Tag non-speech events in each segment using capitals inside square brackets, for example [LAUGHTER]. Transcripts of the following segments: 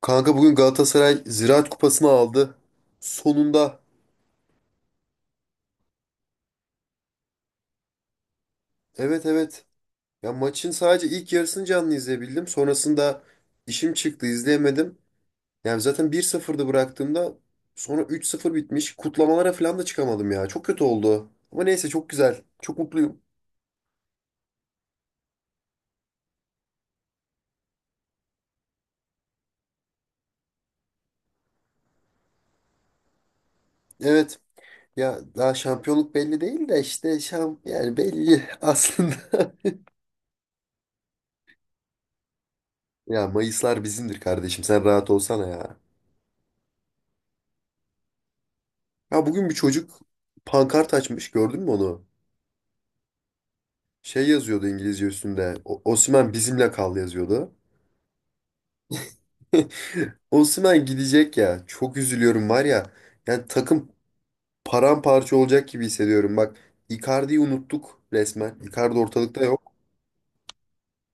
Kanka bugün Galatasaray Ziraat Kupası'nı aldı. Sonunda. Evet evet. Ya maçın sadece ilk yarısını canlı izleyebildim. Sonrasında işim çıktı izleyemedim. Yani zaten bir 0dı bıraktığımda sonra 3-0 bitmiş. Kutlamalara falan da çıkamadım ya. Çok kötü oldu. Ama neyse çok güzel. Çok mutluyum. Evet. Ya daha şampiyonluk belli değil de işte yani belli [LAUGHS] aslında. Ya Mayıslar bizimdir kardeşim. Sen rahat olsana ya. Ya bugün bir çocuk pankart açmış. Gördün mü onu? Şey yazıyordu İngilizce üstünde. Osimhen bizimle kal yazıyordu. [LAUGHS] Osimhen gidecek ya. Çok üzülüyorum var ya. Yani takım paramparça olacak gibi hissediyorum. Bak, Icardi'yi unuttuk resmen. Icardi ortalıkta yok.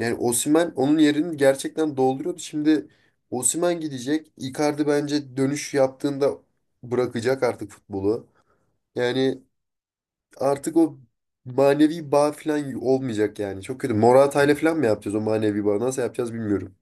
Yani Osimhen onun yerini gerçekten dolduruyordu. Şimdi Osimhen gidecek. Icardi bence dönüş yaptığında bırakacak artık futbolu. Yani artık o manevi bağ falan olmayacak yani. Çok kötü. Morata'yla falan mı yapacağız o manevi bağı? Nasıl yapacağız bilmiyorum.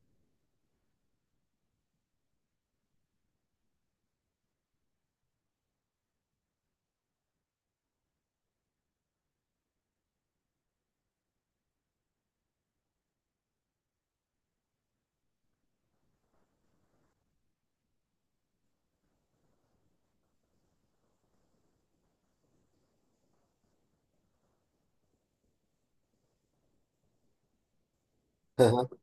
[LAUGHS]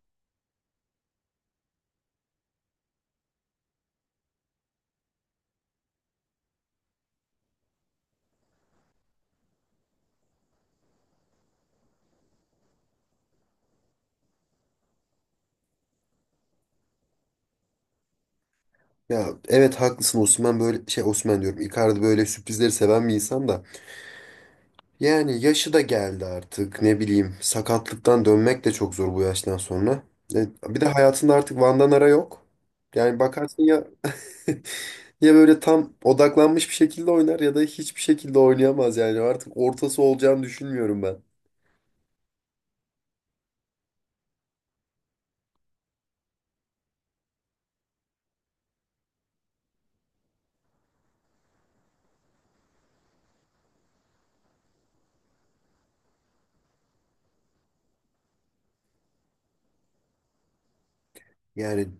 Ya evet haklısın Osman, böyle şey, Osman diyorum, Icardi böyle sürprizleri seven bir insan da yani yaşı da geldi artık, ne bileyim, sakatlıktan dönmek de çok zor bu yaştan sonra. E, Bir de hayatında artık Van Ara yok. Yani bakarsın ya [LAUGHS] ya böyle tam odaklanmış bir şekilde oynar ya da hiçbir şekilde oynayamaz yani artık ortası olacağını düşünmüyorum ben. Yani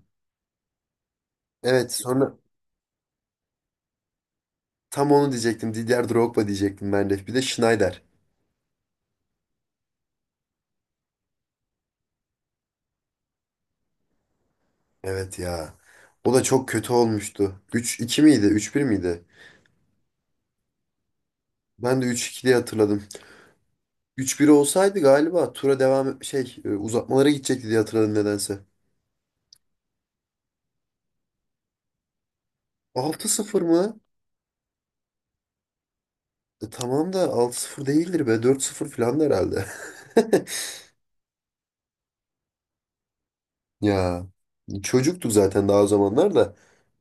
evet, sonra tam onu diyecektim, Didier Drogba diyecektim ben de, bir de Schneider. Evet ya. O da çok kötü olmuştu. Üç iki miydi? Üç bir miydi? Ben de 3-2 diye hatırladım. Üç bir olsaydı galiba tura devam uzatmalara gidecekti diye hatırladım nedense. Altı sıfır mı? Tamam da 6-0 değildir be. 4-0 falan da herhalde. [LAUGHS] Ya çocuktuk zaten daha o zamanlar da.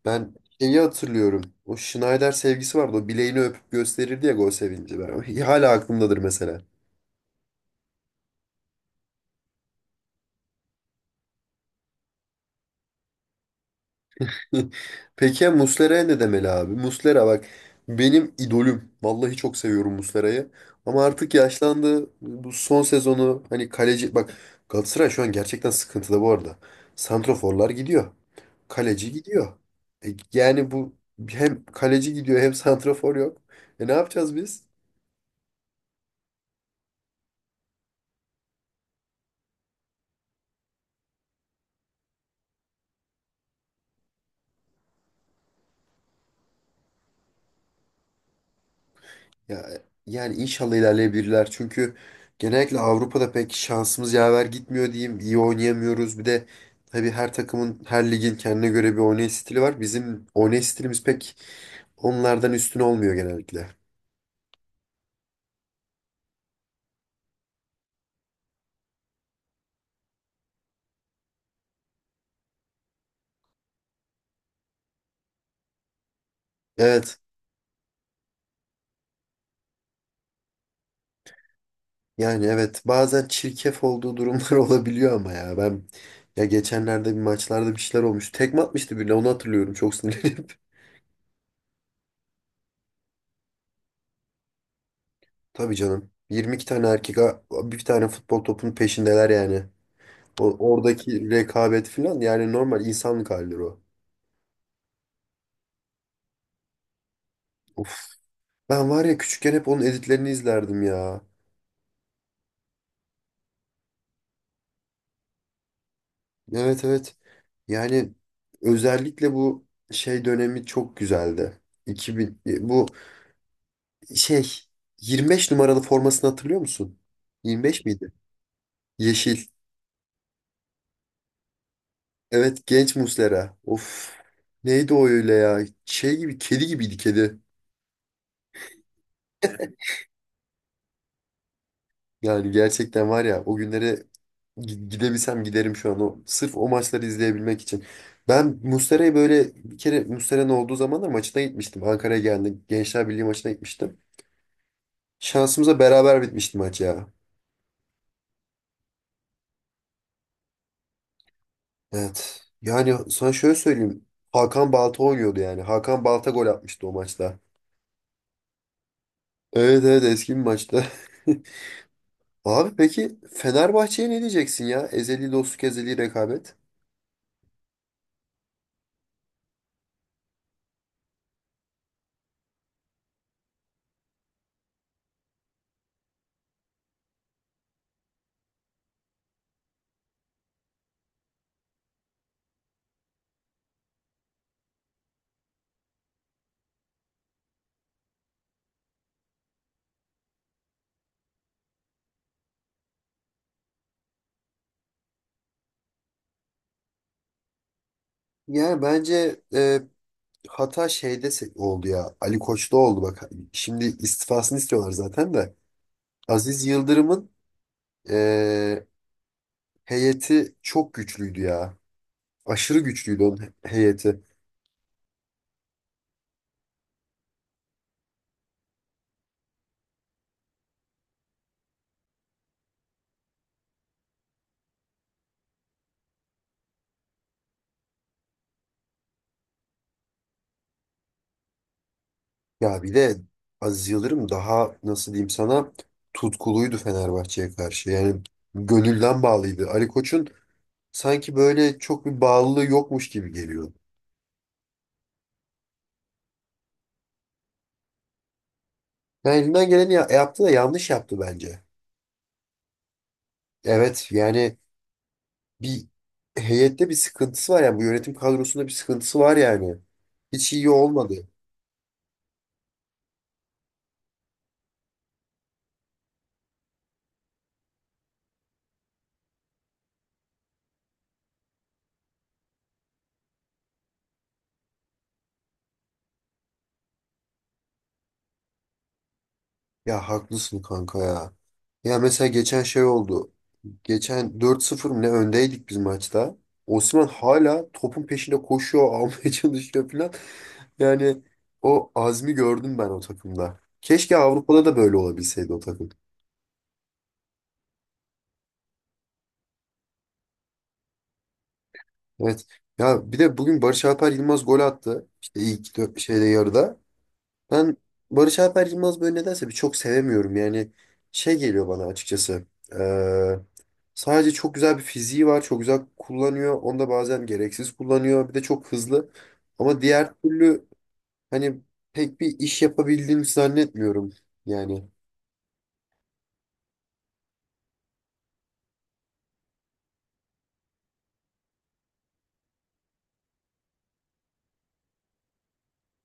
Ben şeyi hatırlıyorum. O Schneider sevgisi vardı. O bileğini öpüp gösterirdi ya, gol sevinci. Ben, [LAUGHS] hala aklımdadır mesela. [LAUGHS] Peki ya Muslera'ya ne demeli abi? Muslera bak, benim idolüm. Vallahi çok seviyorum Muslera'yı. Ama artık yaşlandı. Bu son sezonu, hani kaleci... Bak, Galatasaray şu an gerçekten sıkıntıda bu arada. Santraforlar gidiyor. Kaleci gidiyor. Yani bu, hem kaleci gidiyor hem santrafor yok. Ne yapacağız biz? Ya, yani inşallah ilerleyebilirler. Çünkü genellikle Avrupa'da pek şansımız yaver gitmiyor diyeyim. İyi oynayamıyoruz. Bir de tabii her takımın, her ligin kendine göre bir oynayış stili var. Bizim oynayış stilimiz pek onlardan üstün olmuyor genellikle. Evet. Yani evet. Bazen çirkef olduğu durumlar [LAUGHS] olabiliyor ama ya ben, ya geçenlerde bir maçlarda bir şeyler olmuş. Tekme atmıştı birine, onu hatırlıyorum, çok sinirlenip. [LAUGHS] Tabii canım. 22 tane erkek bir tane futbol topunun peşindeler yani. Oradaki rekabet falan, yani normal insanlık halidir o. Of. Ben var ya, küçükken hep onun editlerini izlerdim ya. Evet evet. Yani özellikle bu şey dönemi çok güzeldi. 2000 bu şey, 25 numaralı formasını hatırlıyor musun? 25 miydi? Yeşil. Evet, genç Muslera. Of. Neydi o öyle ya? Şey gibi, kedi gibiydi, kedi. Yani gerçekten var ya, o günlere gidebilsem giderim şu an, o sırf o maçları izleyebilmek için. Ben Mustera'yı böyle bir kere, Mustera'nın olduğu zamanlar, maçına gitmiştim. Ankara'ya geldi. Gençler Birliği maçına gitmiştim. Şansımıza beraber bitmişti maç ya. Evet. Yani sana şöyle söyleyeyim. Hakan Balta oynuyordu yani. Hakan Balta gol atmıştı o maçta. Evet evet, eski bir maçta. [LAUGHS] Abi peki Fenerbahçe'ye ne diyeceksin ya? Ezeli dostluk, ezeli rekabet. Yani bence hata şeyde oldu ya. Ali Koç'ta oldu bak. Şimdi istifasını istiyorlar zaten de. Aziz Yıldırım'ın eee, heyeti çok güçlüydü ya. Aşırı güçlüydü onun heyeti. Ya bir de Aziz Yıldırım, daha nasıl diyeyim sana, tutkuluydu Fenerbahçe'ye karşı. Yani gönülden bağlıydı. Ali Koç'un sanki böyle çok bir bağlılığı yokmuş gibi geliyor. Yani elinden geleni yaptı da yanlış yaptı bence. Evet yani, bir heyette bir sıkıntısı var yani, bu yönetim kadrosunda bir sıkıntısı var yani. Hiç iyi olmadı. Ya haklısın kanka ya. Ya mesela geçen şey oldu. Geçen 4-0 mı ne öndeydik biz maçta. Osman hala topun peşinde koşuyor, [LAUGHS] almaya çalışıyor falan. Yani o azmi gördüm ben o takımda. Keşke Avrupa'da da böyle olabilseydi o takım. Evet. Ya bir de bugün Barış Alper Yılmaz gol attı. İşte ilk şeyde, yarıda. Ben Barış Alper Yılmaz böyle nedense bir çok sevemiyorum. Yani şey geliyor bana açıkçası. Ee, Sadece çok güzel bir fiziği var. Çok güzel kullanıyor. Onu da bazen gereksiz kullanıyor. Bir de çok hızlı. Ama diğer türlü hani pek bir iş yapabildiğini zannetmiyorum. Yani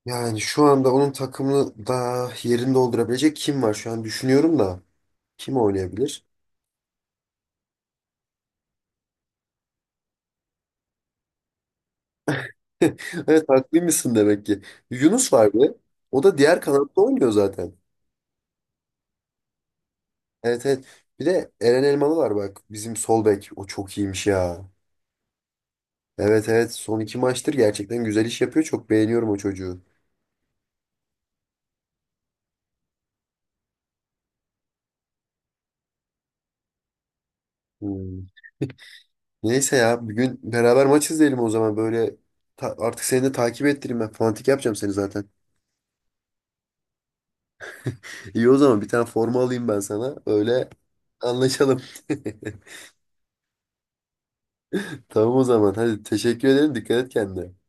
yani şu anda onun takımını da, yerini doldurabilecek kim var? Şu an düşünüyorum da kim oynayabilir? [LAUGHS] Evet, haklıymışsın demek ki. Yunus var bir de. O da diğer kanatta oynuyor zaten. Evet evet. Bir de Eren Elmalı var bak. Bizim sol bek. O çok iyiymiş ya. Evet evet. Son iki maçtır gerçekten güzel iş yapıyor. Çok beğeniyorum o çocuğu. Hmm. [LAUGHS] Neyse ya. Bir gün beraber maç izleyelim o zaman. Böyle artık seni de takip ettireyim ben. Fantik yapacağım seni zaten. İyi, o zaman bir tane forma alayım ben sana. Öyle anlaşalım. [LAUGHS] Tamam, o zaman. Hadi, teşekkür ederim. Dikkat et kendine.